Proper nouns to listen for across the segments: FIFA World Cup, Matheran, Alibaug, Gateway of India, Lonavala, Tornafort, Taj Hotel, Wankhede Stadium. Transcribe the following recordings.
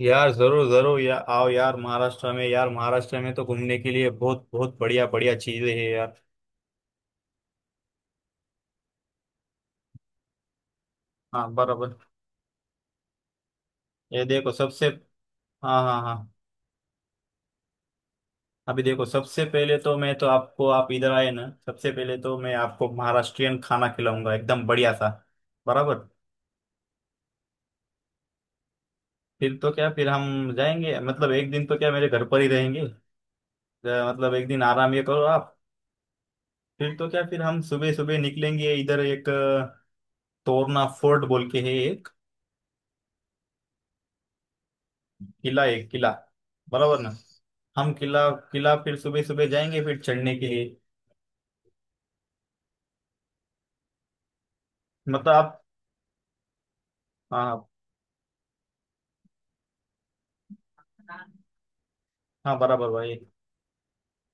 यार जरूर जरूर यार आओ। यार महाराष्ट्र में तो घूमने के लिए बहुत बहुत बढ़िया बढ़िया चीजें हैं यार। हाँ, बराबर। ये देखो सबसे हाँ, हाँ, हाँ। अभी देखो सबसे पहले तो मैं तो आपको आप इधर आए ना, सबसे पहले तो मैं आपको महाराष्ट्रियन खाना खिलाऊंगा एकदम बढ़िया सा। बराबर। फिर तो क्या, फिर हम जाएंगे मतलब एक दिन तो क्या मेरे घर पर ही रहेंगे मतलब एक दिन आराम ये करो आप। फिर तो क्या, फिर हम सुबह सुबह निकलेंगे इधर एक तोरना फोर्ट बोल के है। किला, एक किला। बराबर ना? हम किला किला फिर सुबह सुबह जाएंगे फिर चढ़ने के लिए। मतलब आप हाँ, हाँ, हाँ, बराबर भाई।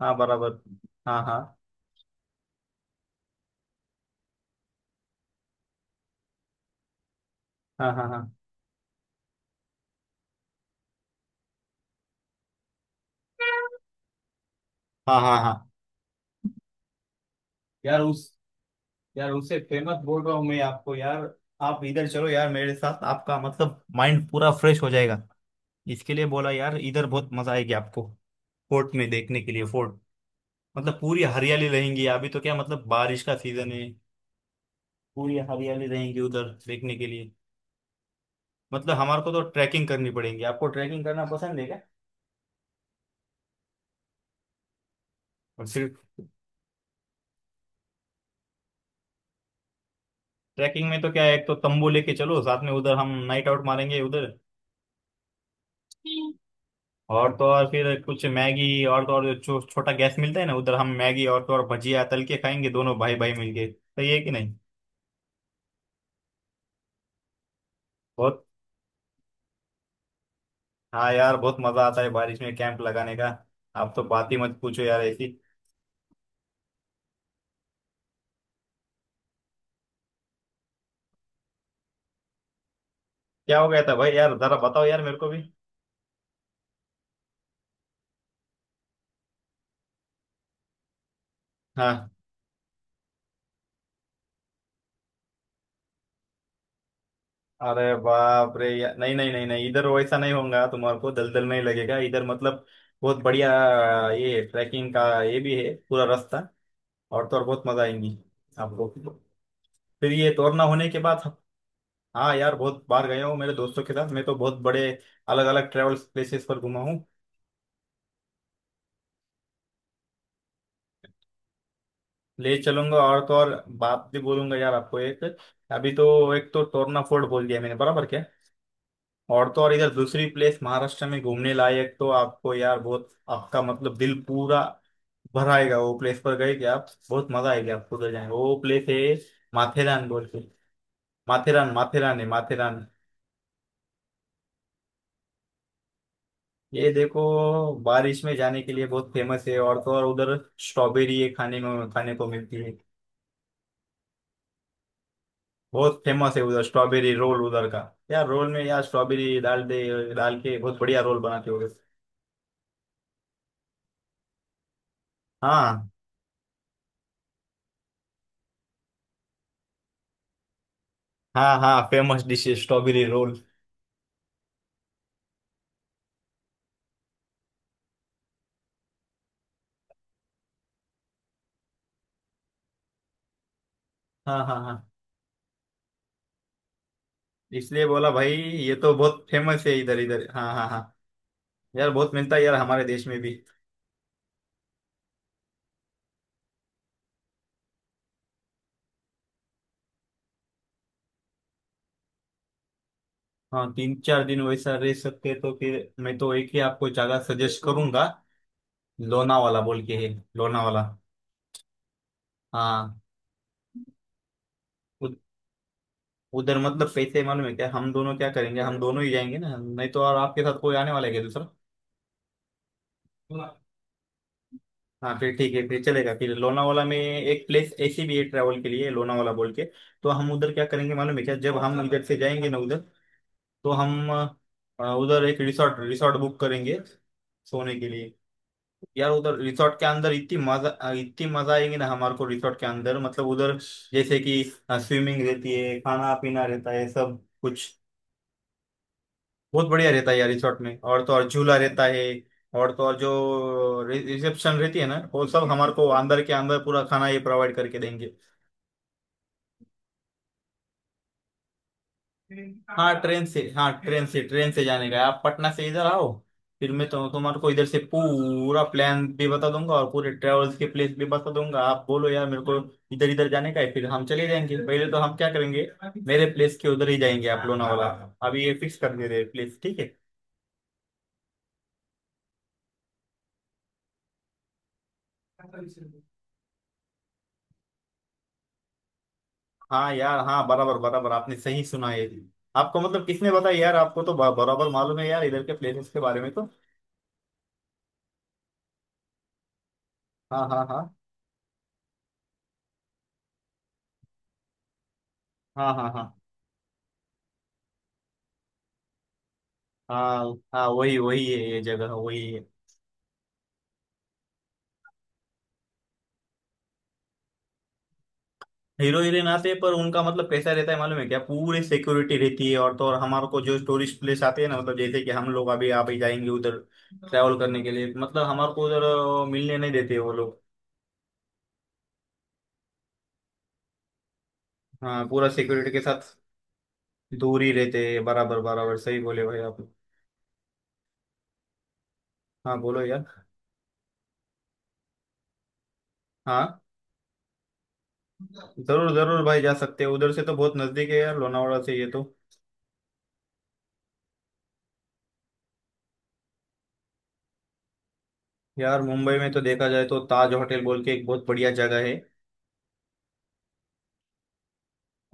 हाँ, बराबर। हाँ, हाँ, हाँ, हाँ, हाँ, हाँ, हाँ, हाँ। यार उस यार उससे फेमस बोल रहा हूँ मैं आपको यार। आप इधर चलो यार मेरे साथ, आपका मतलब माइंड पूरा फ्रेश हो जाएगा। इसके लिए बोला यार, इधर बहुत मजा आएगी आपको। फोर्ट में देखने के लिए फोर्ट। मतलब पूरी हरियाली रहेंगी, अभी तो क्या मतलब बारिश का सीजन है। पूरी हरियाली रहेंगी उधर देखने के लिए। मतलब हमारे को तो ट्रैकिंग करनी पड़ेगी। आपको ट्रैकिंग करना पसंद है क्या? और सिर्फ ट्रैकिंग में तो क्या है, एक तो तंबू लेके चलो साथ में, उधर हम नाइट आउट मारेंगे उधर। और तो और फिर कुछ मैगी, और तो और जो छोटा गैस मिलता है ना, उधर हम मैगी और तो और भजिया तल के खाएंगे, दोनों भाई भाई मिलके। सही है कि नहीं? बहुत। हाँ यार, बहुत मजा आता है बारिश में कैंप लगाने का। आप तो बात ही मत पूछो यार ऐसी। क्या हो गया था भाई? यार जरा बताओ यार मेरे को भी। हाँ। अरे बाप रे! नहीं, नहीं, नहीं, नहीं, इधर वैसा नहीं होगा। तुम्हारे को दलदल में ही लगेगा इधर मतलब। बहुत बढ़िया। ये ट्रैकिंग का ये भी है पूरा रास्ता। और तो और बहुत मजा आएंगी आपको। फिर ये तोरना होने के बाद हाँ यार, बहुत बार गया हूँ मेरे दोस्तों के साथ। मैं तो बहुत बड़े अलग अलग ट्रेवल प्लेसेस पर घुमा हूँ। ले चलूंगा, और तो और बात भी बोलूंगा यार आपको एक। अभी तो एक तो तोरना फोर्ट बोल दिया मैंने, बराबर क्या? और तो और इधर दूसरी प्लेस महाराष्ट्र में घूमने लायक तो आपको यार बहुत, आपका मतलब दिल पूरा भरा आएगा। वो प्लेस पर गए क्या आप? बहुत मजा आएगी आपको उधर जाएंगे, वो प्लेस है माथेरान बोल के। माथेरान, माथेरान है माथेरान। ये देखो बारिश में जाने के लिए बहुत फेमस है, और तो और उधर स्ट्रॉबेरी है खाने में, खाने को मिलती है। बहुत फेमस है उधर स्ट्रॉबेरी रोल उधर का। यार रोल में यार स्ट्रॉबेरी डाल दे, डाल के बहुत बढ़िया रोल बनाते हो। हाँ, हाँ, हाँ, फेमस डिश है स्ट्रॉबेरी रोल। हाँ, हाँ, हाँ, इसलिए बोला भाई, ये तो बहुत फेमस है इधर इधर। हाँ, हाँ, हाँ। यार बहुत मिलता है यार हमारे देश में भी। हाँ, तीन चार दिन वैसा रह सकते हैं तो फिर मैं तो एक ही आपको जगह सजेस्ट करूंगा, लोनावाला बोल के है। लोनावाला। हाँ। उ- उधर मतलब पैसे मालूम है क्या? हम दोनों क्या करेंगे? हम दोनों ही जाएंगे ना, नहीं तो और आपके साथ कोई आने वाला है क्या दूसरा? हाँ फिर ठीक है, फिर चलेगा। फिर लोनावाला में एक प्लेस ऐसी भी है ट्रैवल के लिए, लोनावाला बोल के। तो हम उधर क्या करेंगे मालूम है क्या? जब हम इधर से जाएंगे ना उधर, तो हम उधर एक रिसोर्ट रिसोर्ट बुक करेंगे सोने के लिए। यार उधर रिसोर्ट के अंदर इतनी मजा, इतनी मजा आएगी ना हमारे को, रिसोर्ट के अंदर मतलब उधर, जैसे कि स्विमिंग रहती है, खाना पीना रहता है सब कुछ। बहुत बढ़िया रहता है यार रिसोर्ट में, और तो और झूला रहता है। और तो और जो रिसेप्शन रहती है ना, वो सब हमारे को अंदर के अंदर पूरा खाना ये प्रोवाइड करके देंगे। हाँ, ट्रेन से, हाँ ट्रेन से, ट्रेन से जाने का है। आप पटना से इधर आओ, फिर मैं तो तुम्हारे को इधर से पूरा प्लान भी बता दूंगा और पूरे ट्रेवल्स के प्लेस भी बता दूंगा। आप बोलो यार मेरे को, इधर इधर जाने का है, फिर हम चले जाएंगे। पहले तो हम क्या करेंगे, मेरे प्लेस के उधर ही जाएंगे आप, लोनावाला। अभी ये फिक्स कर दे रहे प्लेस, ठीक है। हाँ यार, हाँ बराबर, बराबर, आपने सही सुना है। आपको मतलब किसने बताया यार? आपको तो बराबर मालूम है यार इधर के प्लेसेस के बारे में तो। हाँ, हाँ, हाँ, हाँ, हाँ, हाँ, हाँ, हाँ, वही वही है ये जगह, वही है। हीरो हीरोइन आते हैं पर उनका मतलब कैसा रहता है मालूम है क्या? पूरी सिक्योरिटी रहती है, और तो और हमारे को जो टूरिस्ट प्लेस आते हैं ना, मतलब जैसे कि हम लोग अभी आप ही जाएंगे उधर ट्रैवल करने के लिए, मतलब हमारे को उधर मिलने नहीं देते वो लोग। हाँ, पूरा सिक्योरिटी के साथ दूर ही रहते हैं, बराबर, बराबर, सही बोले भाई आप। हाँ बोलो यार। हाँ, जरूर जरूर भाई, जा सकते हैं। उधर से तो बहुत नजदीक है यार लोनावाड़ा से ये तो। यार मुंबई में तो देखा जाए तो ताज होटल बोल के एक बहुत बढ़िया जगह है।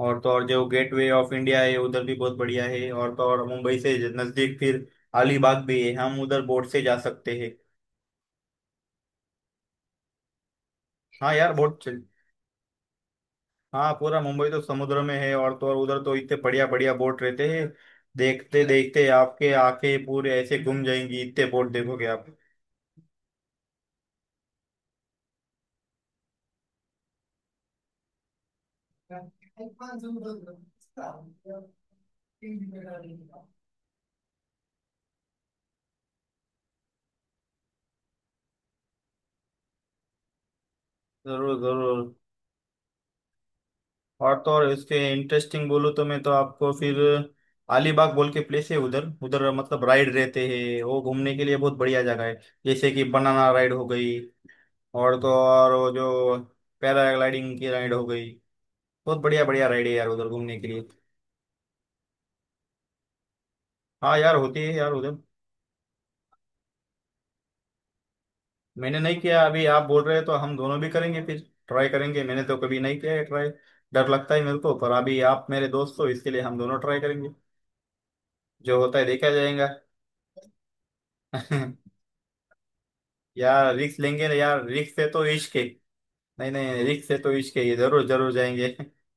और तो और जो गेटवे ऑफ इंडिया है उधर भी बहुत बढ़िया है। और तो और मुंबई से नजदीक फिर अलीबाग भी है, हम उधर बोट से जा सकते हैं। हाँ यार, बोट चल हाँ, पूरा मुंबई तो समुद्र में है, और तो और उधर तो इतने बढ़िया बढ़िया बोट रहते हैं। देखते देखते आपके आंखें पूरे ऐसे घूम जाएंगी, इतने बोट देखोगे आप। जरूर जरूर। और तो और इसके इंटरेस्टिंग बोलूँ तो मैं तो आपको फिर, अलीबाग बोल के प्लेस है उधर, उधर मतलब राइड रहते हैं वो घूमने के लिए, बहुत बढ़िया जगह है। जैसे कि बनाना राइड हो गई, और तो और वो जो पैराग्लाइडिंग की राइड हो गई, बहुत बढ़िया बढ़िया राइड है यार उधर घूमने के लिए। हाँ यार, होती है यार उधर। मैंने नहीं किया, अभी आप बोल रहे हैं तो हम दोनों भी करेंगे फिर, ट्राई करेंगे। मैंने तो कभी नहीं किया है ट्राई। डर लगता है मेरे को, पर अभी आप मेरे दोस्त हो इसके लिए हम दोनों ट्राई करेंगे, जो होता है देखा जाएगा। यार रिक्स लेंगे ना यार, रिक्स से तो इश्क है। नहीं, नहीं, रिक्स से तो इश्क है, ये जरूर जरूर जाएंगे।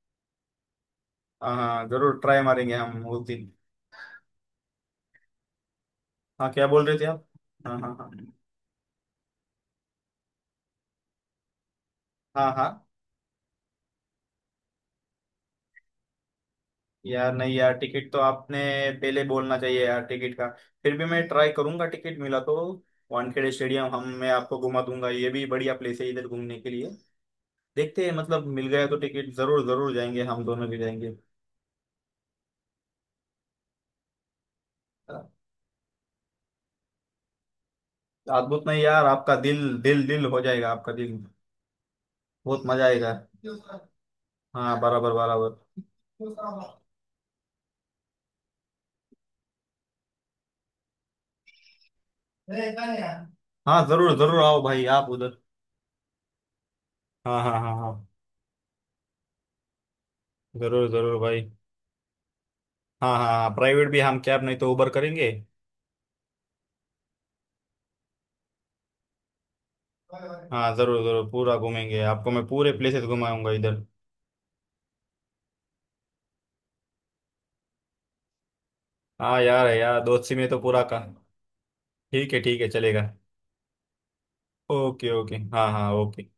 हाँ, हाँ, जरूर ट्राई मारेंगे हम उस दिन। हाँ, क्या बोल रहे थे आप? हाँ, हाँ, हाँ, हाँ, हाँ, यार नहीं यार, टिकट तो आपने पहले बोलना चाहिए यार टिकट का। फिर भी मैं ट्राई करूंगा, टिकट मिला तो वानखेड़े स्टेडियम हम मैं आपको घुमा दूंगा, ये भी बढ़िया प्लेस है इधर घूमने के लिए। देखते हैं, मतलब मिल गया तो टिकट जरूर जरूर जाएंगे, हम दोनों भी जाएंगे। अद्भुत नहीं यार, आपका दिल दिल दिल हो जाएगा, आपका दिल बहुत मजा आएगा। हाँ, बराबर, बराबर। हाँ, जरूर जरूर आओ भाई आप उधर। हाँ, हाँ, हाँ, हाँ, जरूर जरूर भाई। हाँ, हाँ, हाँ, प्राइवेट भी हम कैब, नहीं तो उबर करेंगे। हाँ, जरूर जरूर, पूरा घूमेंगे, आपको मैं पूरे प्लेसेस घुमाऊंगा इधर। हाँ यार है यार, दोस्ती में तो पूरा का। ठीक है, ठीक है, चलेगा। ओके, ओके, हाँ, हाँ, ओके।